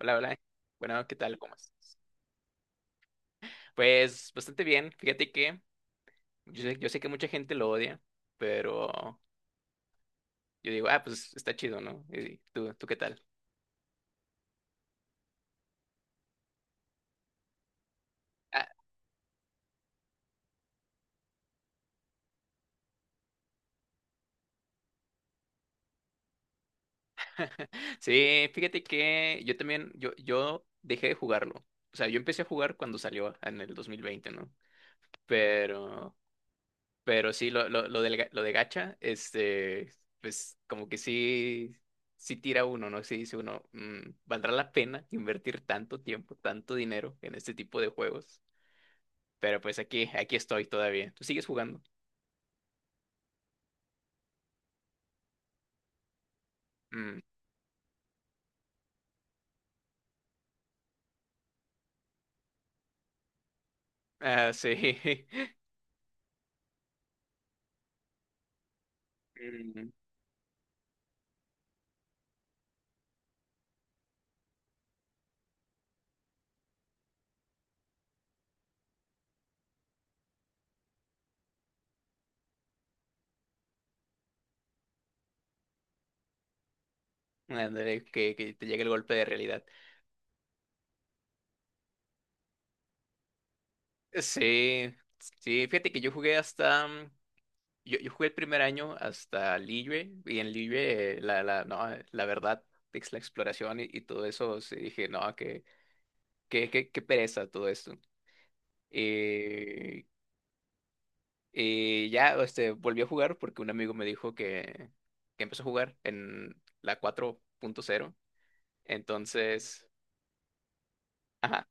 Hola, hola. Bueno, ¿qué tal? ¿Cómo estás? Pues bastante bien. Fíjate que yo sé que mucha gente lo odia, pero yo digo, ah, pues está chido, ¿no? ¿Y tú qué tal? Ah, sí, fíjate que yo también, yo dejé de jugarlo. O sea, yo empecé a jugar cuando salió en el 2020, ¿no? Pero Pero sí, lo de gacha, pues como que sí, sí tira uno, ¿no? Sí dice uno, "Mm, ¿valdrá la pena invertir tanto tiempo, tanto dinero en este tipo de juegos?" Pero pues aquí estoy todavía. ¿Tú sigues jugando? Mm. Ah, sí. Mm, ándale, que te llegue el golpe de realidad. Sí, sí, fíjate que yo jugué hasta, yo jugué el primer año hasta Liyue, y en Liyue, no, la verdad, es la exploración y todo eso. Sí, dije, no, qué pereza todo esto. Eh, ya volví a jugar porque un amigo me dijo que empezó a jugar en la 4.0. Entonces, ajá,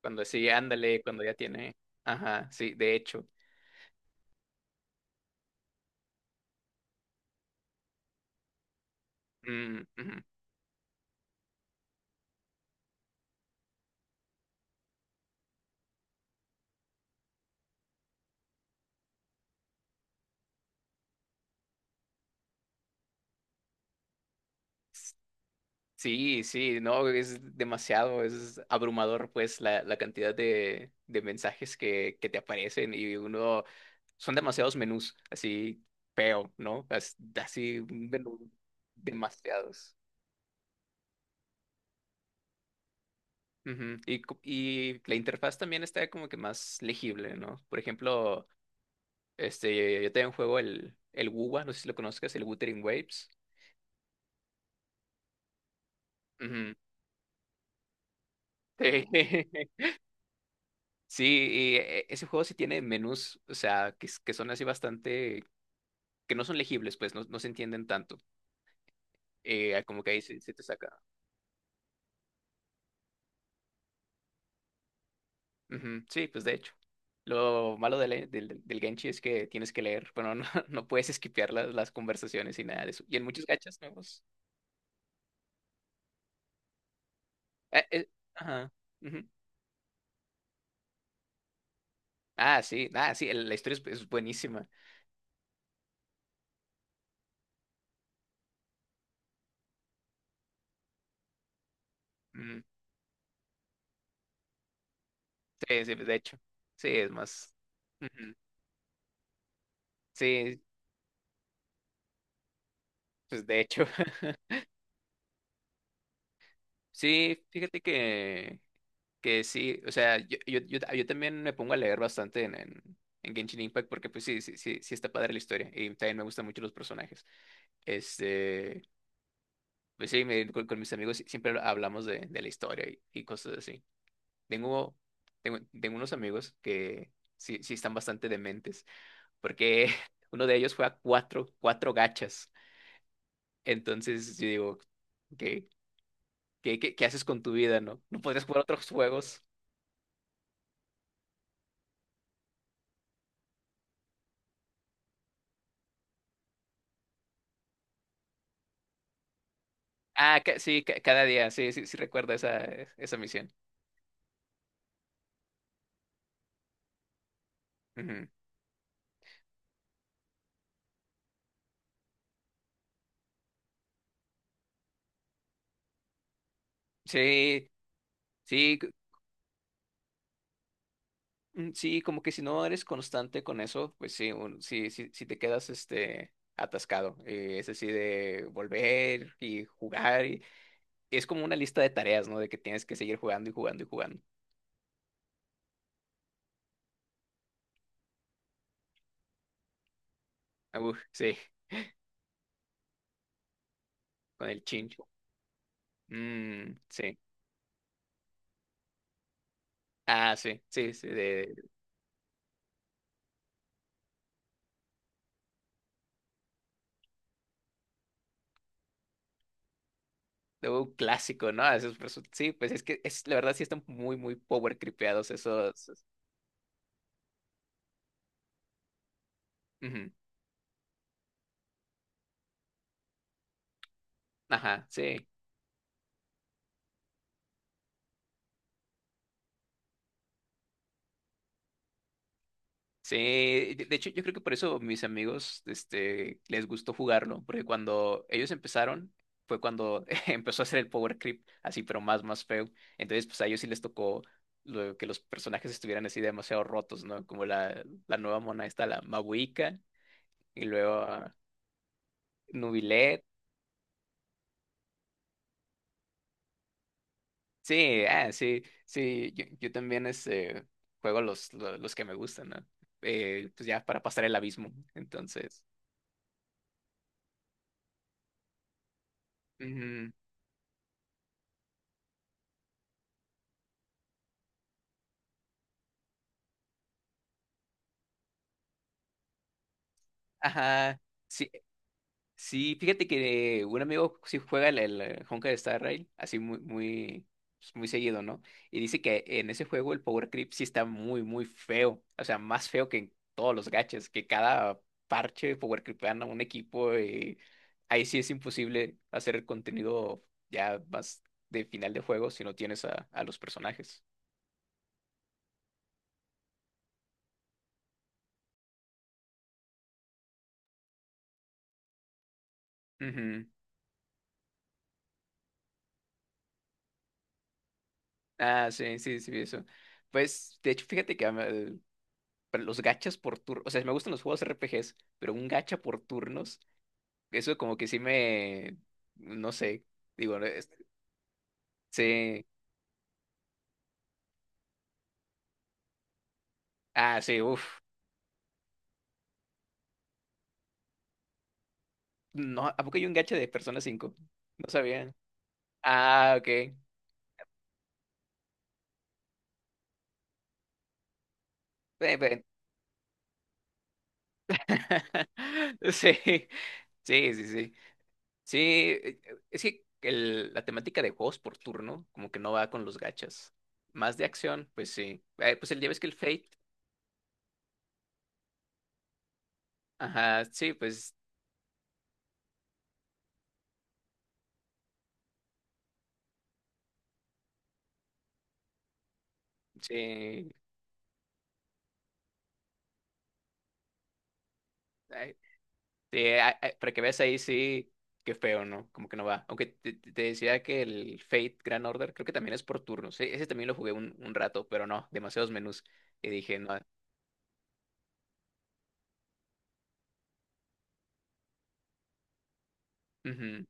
cuando sí, ándale, cuando ya tiene, ajá, sí, de hecho. Mm, ujú. Sí, sí, no, es demasiado, es abrumador, pues la cantidad de mensajes que te aparecen, y uno, son demasiados menús, así feo, ¿no? Así, un menú, demasiados. Ujú. Y la interfaz también está como que más legible, ¿no? Por ejemplo, yo tengo en juego el WUWA, no sé si lo conozcas, el Wuthering Waves. Ujú. Sí. Sí, y ese juego sí tiene menús, o sea, que son así bastante, que no son legibles, pues no, no se entienden tanto. Como que ahí se te saca. Ujú. Sí, pues de hecho. Lo malo del Genshi es que tienes que leer, bueno, no, no puedes esquipear las conversaciones y nada de eso. Y en muchos gachas nuevos. eh, eh, ajá. Ujú. Ah, sí, ah, sí, el- la historia es buenísima. Mm, sí, sí, de hecho. Sí, es más. Ujú. Sí, pues de hecho. Sí, fíjate que sí, o sea, yo también me pongo a leer bastante en Genshin Impact porque pues sí, sí, sí, sí está padre la historia y también me gustan mucho los personajes. Este, pues sí, con mis amigos siempre hablamos de la historia y cosas así. Tengo, tengo unos amigos que sí, sí están bastante dementes porque uno de ellos juega cuatro gachas. Entonces yo digo, ¿qué, qué haces con tu vida, no? ¿No podrías jugar otros juegos? Ah, sí, cada día, sí, sí, sí recuerdo esa, esa misión. Ujú. Sí, sí, sí, como que si no eres constante con eso, pues sí, sí, sí, sí te quedas atascado. Es así de volver y jugar. Y es como una lista de tareas, ¿no? De que tienes que seguir jugando y jugando y jugando. Ah, uf, sí, con el chincho. Mm, sí. Ah, sí, sí, sí, de un clásico, ¿no? Esos sí, pues es que es, la verdad sí están muy, muy power creepeados esos. Ujú. Ajá, sí. Sí, de hecho yo creo que por eso mis amigos les gustó jugarlo, porque cuando ellos empezaron fue cuando empezó a hacer el power creep, así pero más, más feo. Entonces pues a ellos sí les tocó lo que los personajes estuvieran así demasiado rotos, ¿no? Como la nueva mona esta, la Mabuika, y luego ah, Nubilet. Sí, ah, sí, sí, yo también juego los que me gustan, ¿no? Pues ya para pasar el abismo, entonces... Ujú. Ajá. Sí, sí, fíjate que un amigo sí juega el Honkai Star Rail, así muy, muy, pues, muy seguido, ¿no? Y dice que en ese juego el Power Creep sí está muy, muy feo. O sea, más feo que en todos los gachas, que cada parche Power Creepan a un equipo y ahí sí es imposible hacer el contenido ya más de final de juego si no tienes a los personajes. Ujú. Ah, sí, sí, sí, vi eso. Pues, de hecho, fíjate que pero los gachas por turnos, o sea, me gustan los juegos R P RPGs, pero un gacha por turnos, eso como que sí me, no sé, digo, sí, ah, sí, uff, no, ¿a poco hay un gacha de Persona 5? No sabía. Ah, ok. Pe- Sí, sí, sí, sí. Sí, eh, es que la temática de juegos por turno como que no va con los gachas. Más de acción, pues sí. Pues el día ves que el Fate, ajá, sí, pues sí. Sí, para que veas ahí, sí, qué feo, ¿no? Como que no va. Aunque te, te decía que el Fate Grand Order creo que también es por turnos. Ese también lo jugué un rato, pero no, demasiados menús. Y dije, no, ujú,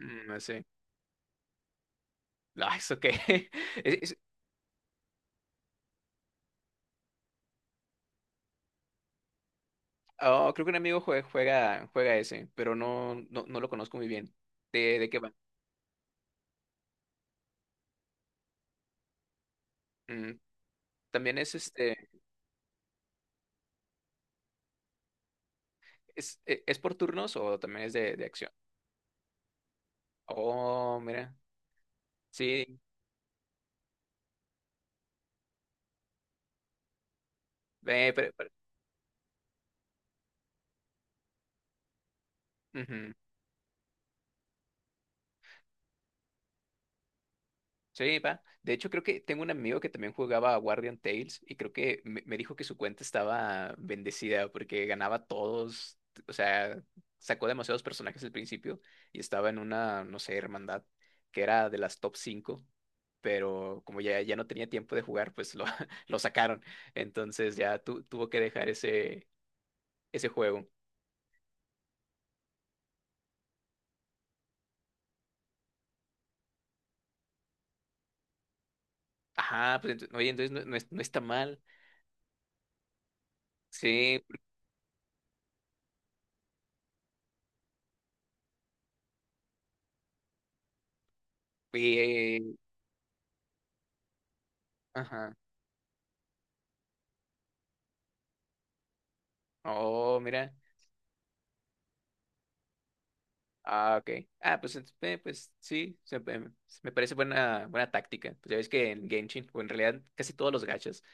mm, no sé. No, ¿eso qué? Es- es- oh, creo que un amigo juega, ese, pero no, no, no lo conozco muy bien. ¿De qué va? Mm, ¿también es por turnos o también es de acción? Oh, mira. Sí, ve, pero. Ujú. Sí, va. De hecho, creo que tengo un amigo que también jugaba a Guardian Tales y creo que me dijo que su cuenta estaba bendecida porque ganaba todos, o sea, sacó demasiados personajes al principio y estaba en una, no sé, hermandad que era de las top 5. Pero como ya, ya no tenía tiempo de jugar, pues lo, lo sacaron. Entonces ya tuvo que dejar ese juego. Ajá, pues oye, entonces no, no no está mal. Sí, y, ajá. Oh, mira. Ah, ok. Ah, pues, pues sí, me parece buena, buena táctica. Pues ya ves que en Genshin, o en realidad casi todos los gachas,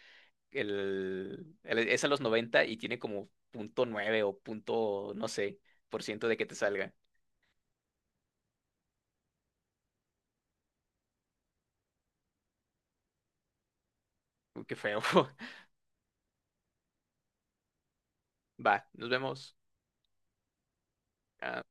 es a los 90 y tiene como punto nueve o punto, no sé, por ciento de que te salga. Uy, qué feo. Va, nos vemos. Ah,